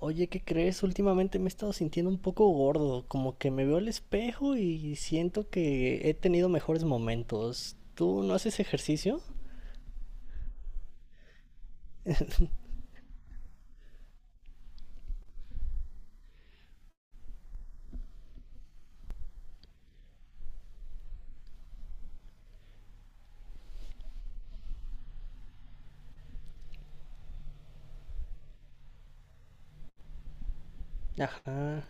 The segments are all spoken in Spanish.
Oye, ¿qué crees? Últimamente me he estado sintiendo un poco gordo, como que me veo al espejo y siento que he tenido mejores momentos. ¿Tú no haces ejercicio? Ajá.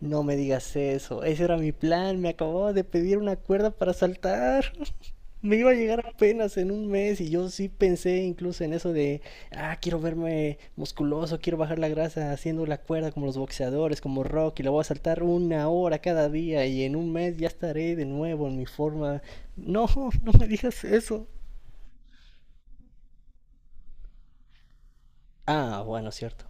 No me digas eso. Ese era mi plan. Me acababa de pedir una cuerda para saltar. Me iba a llegar apenas en un mes y yo sí pensé incluso en eso de, ah, quiero verme musculoso, quiero bajar la grasa haciendo la cuerda como los boxeadores, como Rocky, la voy a saltar una hora cada día y en un mes ya estaré de nuevo en mi forma. No, no me digas eso. Ah, bueno, cierto.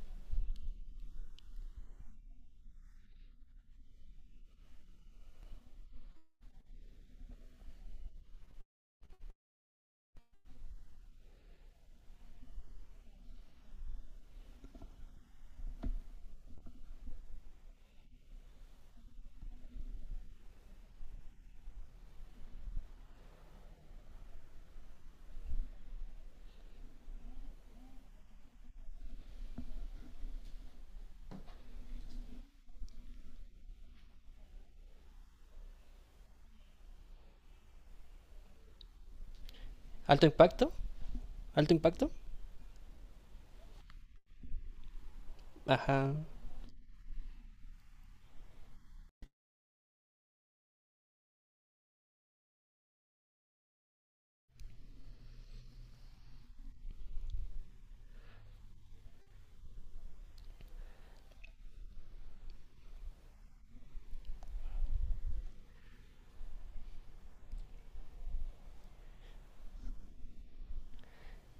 ¿Alto impacto? ¿Alto impacto? Ajá.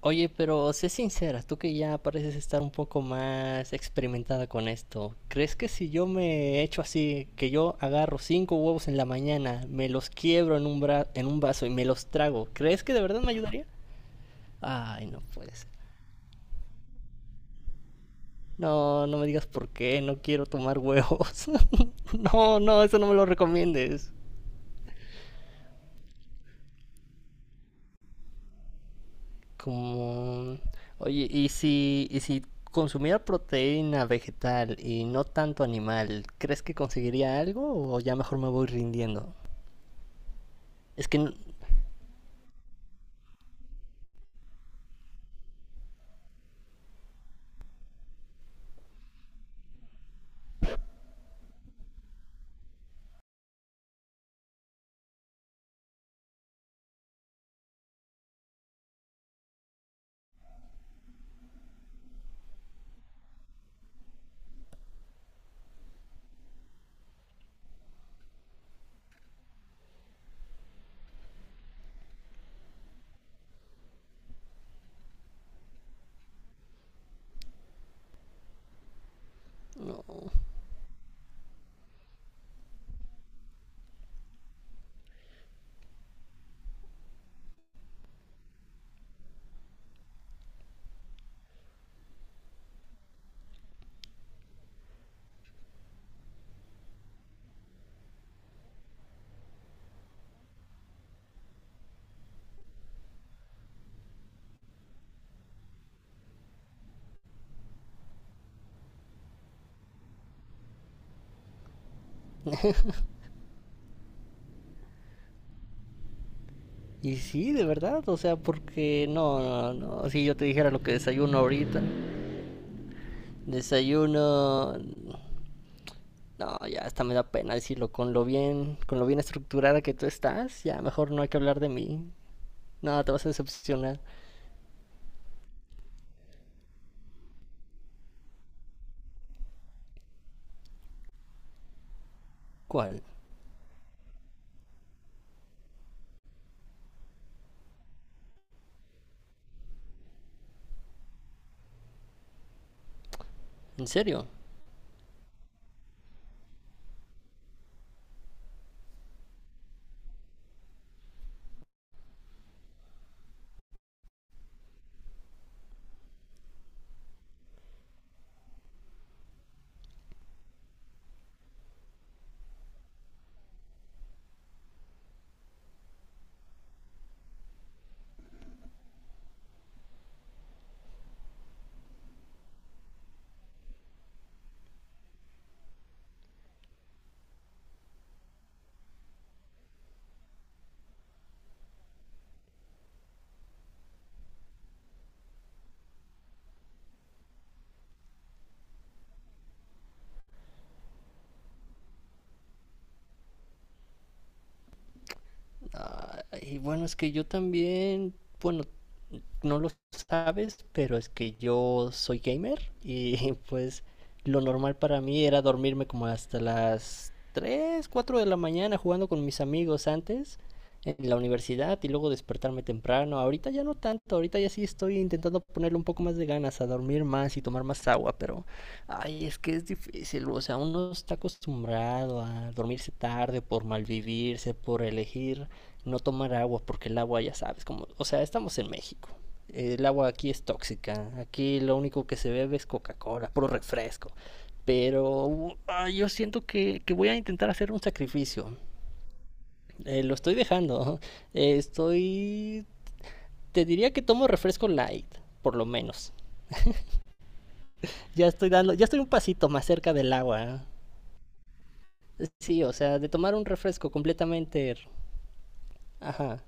Oye, pero sé sincera, tú que ya pareces estar un poco más experimentada con esto, ¿crees que si yo me echo así, que yo agarro cinco huevos en la mañana, me los quiebro en un vaso y me los trago, ¿crees que de verdad me ayudaría? Ay, no puede ser. No, no me digas por qué, no quiero tomar huevos. No, no, eso no me lo recomiendes. Como, oye, ¿y si consumiera proteína vegetal y no tanto animal, ¿crees que conseguiría algo o ya mejor me voy rindiendo? Es que, no, y sí, de verdad, o sea, porque no, no, no, si yo te dijera lo que desayuno ahorita, desayuno, no, ya hasta me da pena decirlo, con lo bien estructurada que tú estás, ya mejor no hay que hablar de mí, no, te vas a decepcionar. ¿Cuál? ¿En serio? Y bueno, es que yo también, bueno, no lo sabes, pero es que yo soy gamer y pues lo normal para mí era dormirme como hasta las 3 o 4 de la mañana jugando con mis amigos antes en la universidad y luego despertarme temprano. Ahorita ya no tanto, ahorita ya sí estoy intentando ponerle un poco más de ganas a dormir más y tomar más agua, pero ay, es que es difícil, o sea, uno está acostumbrado a dormirse tarde por malvivirse, por elegir no tomar agua porque el agua ya sabes, como, o sea, estamos en México. El agua aquí es tóxica. Aquí lo único que se bebe es Coca-Cola, puro refresco. Pero ah, yo siento que voy a intentar hacer un sacrificio. Lo estoy dejando. Estoy... Te diría que tomo refresco light, por lo menos. Ya estoy dando, ya estoy un pasito más cerca del agua. Sí, o sea, de tomar un refresco completamente... Ajá,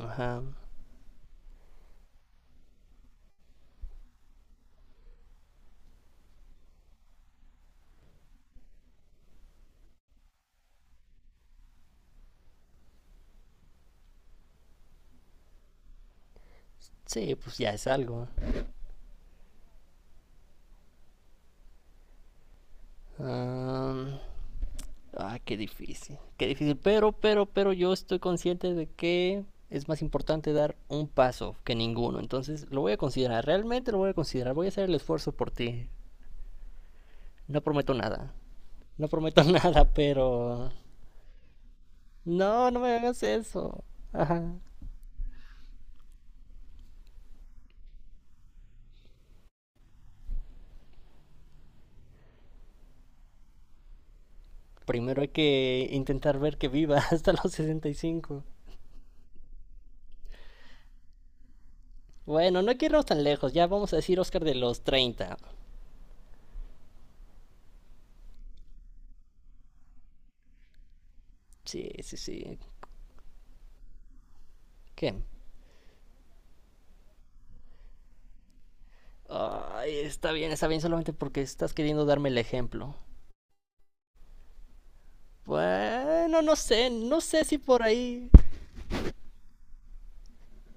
ajá. Sí, pues ya es algo. Ah, ah, qué difícil, qué difícil. Pero yo estoy consciente de que es más importante dar un paso que ninguno. Entonces lo voy a considerar, realmente lo voy a considerar. Voy a hacer el esfuerzo por ti. No prometo nada. No prometo nada, pero... No, no me hagas eso. Ajá. Primero hay que intentar ver que viva hasta los 65. Bueno, no hay que irnos tan lejos. Ya vamos a decir Oscar de los 30. Sí, sí, sí. ¿Qué? Ay, está bien, solamente porque estás queriendo darme el ejemplo. Bueno, no sé, no sé si por ahí.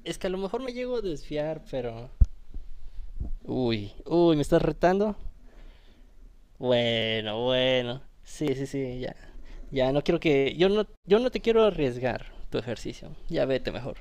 Es que a lo mejor me llego a desfiar, pero. Uy, uy, ¿me estás retando? Bueno, bueno. Sí, sí, sí, ya. Ya no quiero que. Yo no te quiero arriesgar tu ejercicio. Ya vete mejor.